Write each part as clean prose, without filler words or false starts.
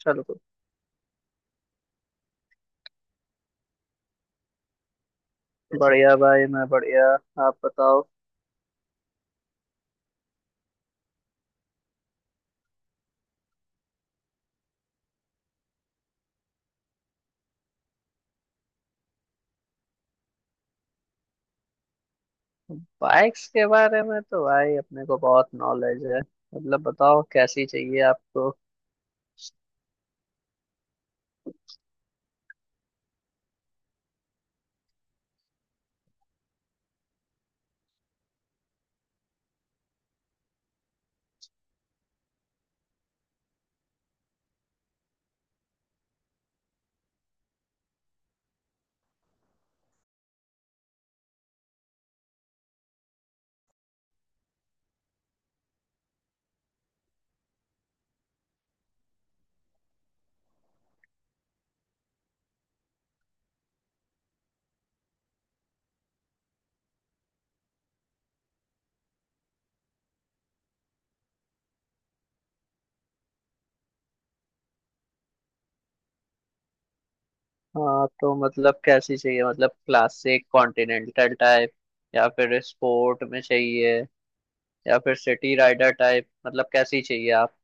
चलो। बढ़िया भाई, मैं बढ़िया। आप बताओ। बाइक्स के बारे में तो भाई अपने को बहुत नॉलेज है। मतलब बताओ, कैसी चाहिए आपको? हाँ, तो मतलब कैसी चाहिए? मतलब क्लासिक कॉन्टिनेंटल टाइप या फिर स्पोर्ट में चाहिए, या फिर सिटी राइडर टाइप? मतलब कैसी चाहिए आप?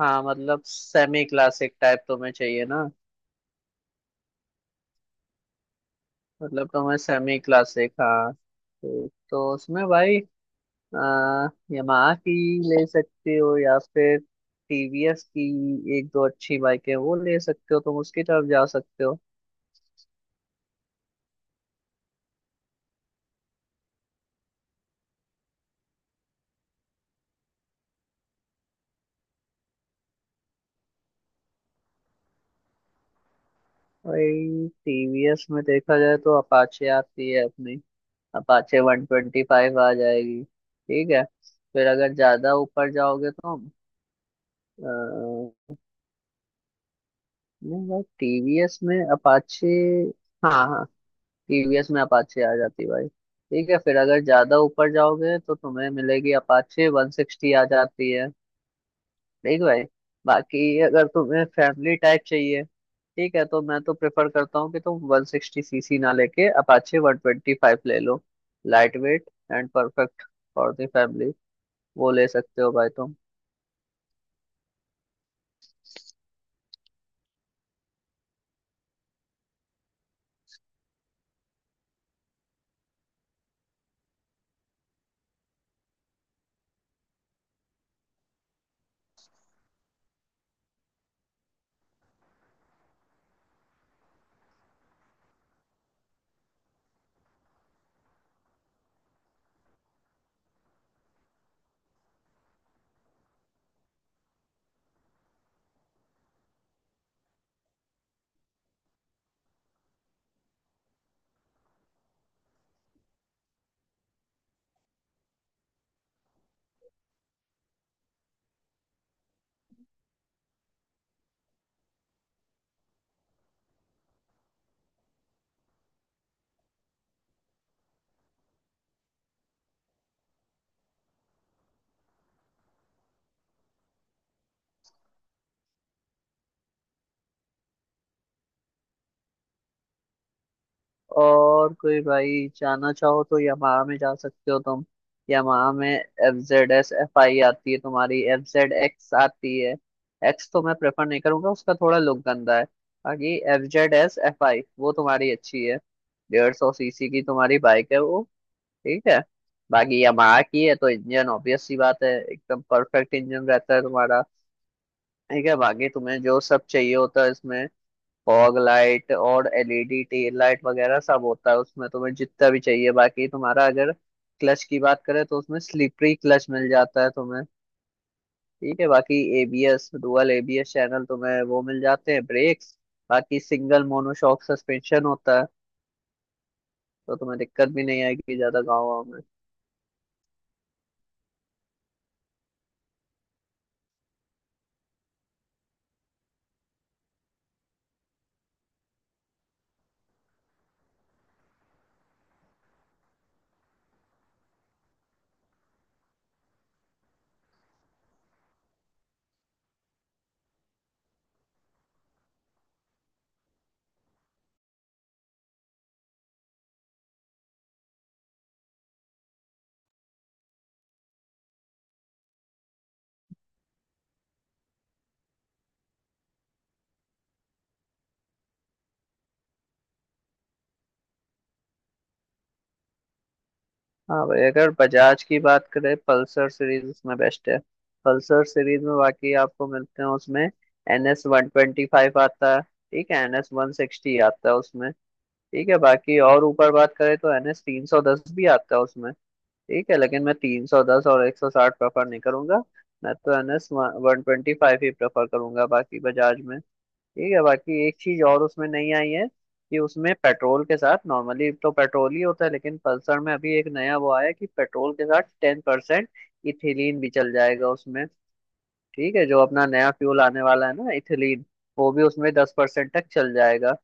हाँ, मतलब सेमी क्लासिक टाइप तुम्हें चाहिए ना? मतलब तुम्हें सेमी क्लासिक। हाँ ठीक। तो उसमें भाई यामाहा की ले सकते हो, या फिर टीवीएस की एक दो अच्छी बाइक है, वो ले सकते हो। तुम उसकी तरफ जा सकते हो। भाई टीवीएस में देखा जाए तो अपाचे आती है अपनी। अपाचे वन ट्वेंटी फाइव आ जाएगी, ठीक है? फिर अगर ज्यादा ऊपर जाओगे तो अ, नहीं भाई, टीवीएस में अपाचे, हाँ हाँ, टीवीएस में अपाचे आ जाती भाई। ठीक है, फिर अगर ज्यादा ऊपर जाओगे तो तुम्हें मिलेगी, अपाचे वन सिक्सटी आ जाती है। देख भाई, बाकी अगर तुम्हें फैमिली टाइप चाहिए, ठीक है, तो मैं तो प्रेफर करता हूँ कि तुम 160 सीसी ना लेके अपाचे 125 ले लो। Light weight and perfect for the family. वो ले सकते हो भाई तुम। और कोई भाई जाना चाहो तो यामाहा में जा सकते हो तुम। यामाहा में F Z S F I आती है, तुम्हारी एफ जेड एक्स आती है। एक्स तो मैं प्रेफर नहीं करूंगा, उसका थोड़ा लुक गंदा है। बाकी F Z S F I वो तुम्हारी अच्छी है। 150 सीसी की तुम्हारी बाइक है वो। ठीक है। बाकी यामाहा की है तो इंजन ऑब्वियस सी बात है, एकदम परफेक्ट इंजन रहता है तुम्हारा। ठीक है। बाकी तुम्हें जो सब चाहिए होता है इसमें, फॉग लाइट और एलईडी टेल लाइट वगैरह सब होता है उसमें, तुम्हें जितना भी चाहिए। बाकी तुम्हारा अगर क्लच की बात करें तो उसमें स्लिपरी क्लच मिल जाता है तुम्हें। ठीक है। बाकी एबीएस, डुअल एबीएस चैनल तुम्हें वो मिल जाते हैं ब्रेक्स। बाकी सिंगल मोनोशॉक सस्पेंशन होता है, तो तुम्हें दिक्कत भी नहीं आएगी ज्यादा गाँव वाँव में। हाँ भाई, अगर बजाज की बात करें, पल्सर सीरीज उसमें बेस्ट है। पल्सर सीरीज में बाकी आपको मिलते हैं उसमें, N S one twenty five आता है, ठीक है, एन एस वन सिक्सटी आता है उसमें, ठीक है। बाकी और ऊपर बात करें तो एन एस 310 भी आता है उसमें, ठीक है। लेकिन मैं 310 और 160 प्रेफर नहीं करूंगा। मैं तो N S one twenty five ही प्रेफर करूंगा बाकी बजाज में। ठीक है। बाकी एक चीज और उसमें नहीं आई है, कि उसमें पेट्रोल के साथ, नॉर्मली तो पेट्रोल ही होता है, लेकिन पल्सर में अभी एक नया वो आया कि पेट्रोल के साथ 10% इथिलीन भी चल जाएगा उसमें। ठीक है। जो अपना नया फ्यूल आने वाला है ना, इथिलीन, वो भी उसमें 10% तक चल जाएगा।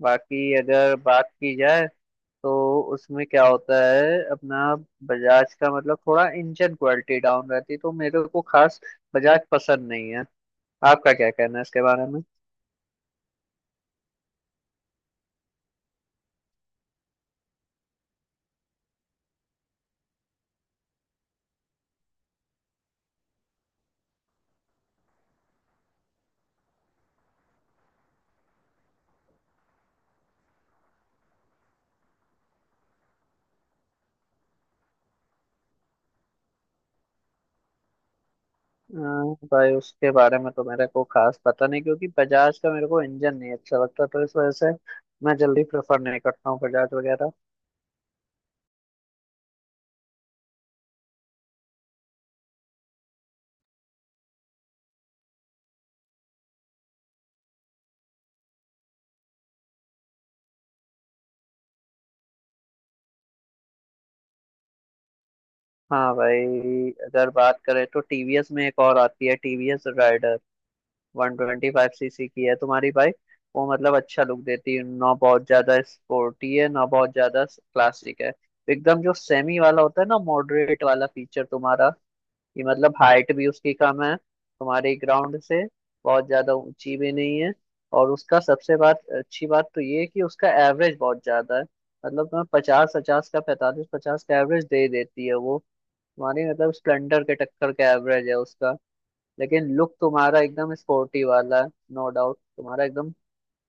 बाकी अगर बात की जाए तो उसमें क्या होता है, अपना बजाज का मतलब थोड़ा इंजन क्वालिटी डाउन रहती है, तो मेरे को खास बजाज पसंद नहीं है। आपका क्या कहना है इसके बारे में? अ, भाई उसके बारे में तो मेरे को खास पता नहीं, क्योंकि बजाज का मेरे को इंजन नहीं अच्छा लगता, तो इस वजह से मैं जल्दी प्रेफर नहीं करता हूँ बजाज वगैरह। हाँ भाई, अगर बात करें तो टीवीएस में एक और आती है, टीवीएस राइडर। 125 सीसी की है तुम्हारी बाइक। वो मतलब अच्छा लुक देती है, ना बहुत ज्यादा स्पोर्टी है, ना बहुत ज्यादा क्लासिक है। एकदम जो सेमी वाला होता है ना, मॉडरेट वाला फीचर तुम्हारा, कि मतलब हाइट भी उसकी कम है तुम्हारे ग्राउंड से, बहुत ज्यादा ऊंची भी नहीं है। और उसका सबसे बात अच्छी बात तो ये है कि उसका एवरेज बहुत ज्यादा है। मतलब तुम्हें पचास पचास का पैंतालीस पचास का एवरेज दे देती है वो। तुम्हारी मतलब स्प्लेंडर के टक्कर का एवरेज है उसका। लेकिन लुक तुम्हारा एकदम स्पोर्टी वाला है, नो डाउट तुम्हारा एकदम।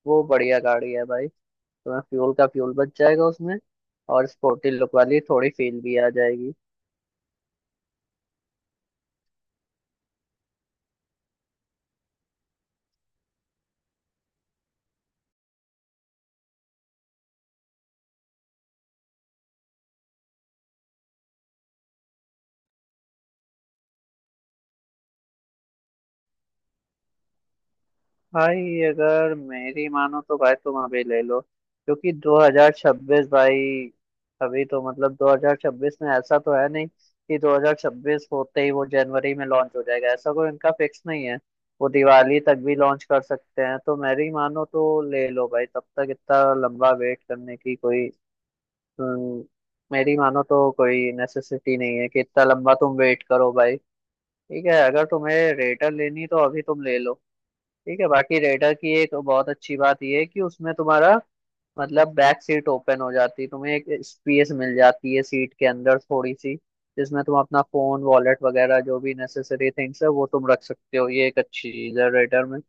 वो बढ़िया गाड़ी है भाई। तुम्हें फ्यूल का फ्यूल बच जाएगा उसमें, और स्पोर्टी लुक वाली थोड़ी फील भी आ जाएगी। भाई अगर मेरी मानो तो भाई तुम अभी ले लो, क्योंकि 2026 भाई, अभी तो मतलब 2026 में ऐसा तो है नहीं कि 2026 होते ही वो जनवरी में लॉन्च हो जाएगा। ऐसा कोई इनका फिक्स नहीं है, वो दिवाली तक भी लॉन्च कर सकते हैं। तो मेरी मानो तो ले लो भाई, तब तक इतना लंबा वेट करने की कोई, अम, मेरी मानो तो कोई नेसेसिटी नहीं है कि इतना लंबा तुम वेट करो भाई। ठीक है, अगर तुम्हें रेटर लेनी तो अभी तुम ले लो। ठीक है। बाकी रेडर की एक बहुत अच्छी बात यह है कि उसमें तुम्हारा मतलब बैक सीट ओपन हो जाती है, तुम्हें एक स्पेस मिल जाती है सीट के अंदर थोड़ी सी, जिसमें तुम अपना फोन, वॉलेट वगैरह जो भी नेसेसरी थिंग्स है वो तुम रख सकते हो। ये एक अच्छी चीज है रेडर में।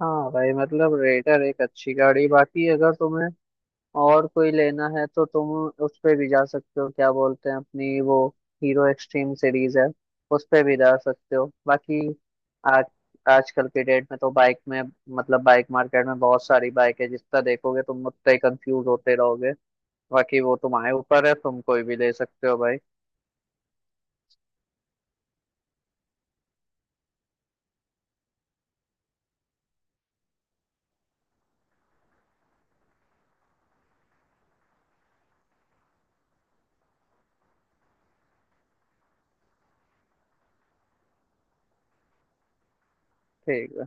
हाँ भाई, मतलब रेडर एक अच्छी गाड़ी। बाकी अगर तुम्हें और कोई लेना है तो तुम उस पे भी जा सकते हो। क्या बोलते हैं अपनी वो, हीरो एक्सट्रीम सीरीज है, उस पे भी जा सकते हो। बाकी आज आजकल के डेट में तो बाइक में, मतलब बाइक मार्केट में बहुत सारी बाइक है, जितना देखोगे तुम उतना ही कंफ्यूज होते रहोगे। बाकी वो तुम्हारे ऊपर है, तुम कोई भी ले सकते हो भाई। ठीक है।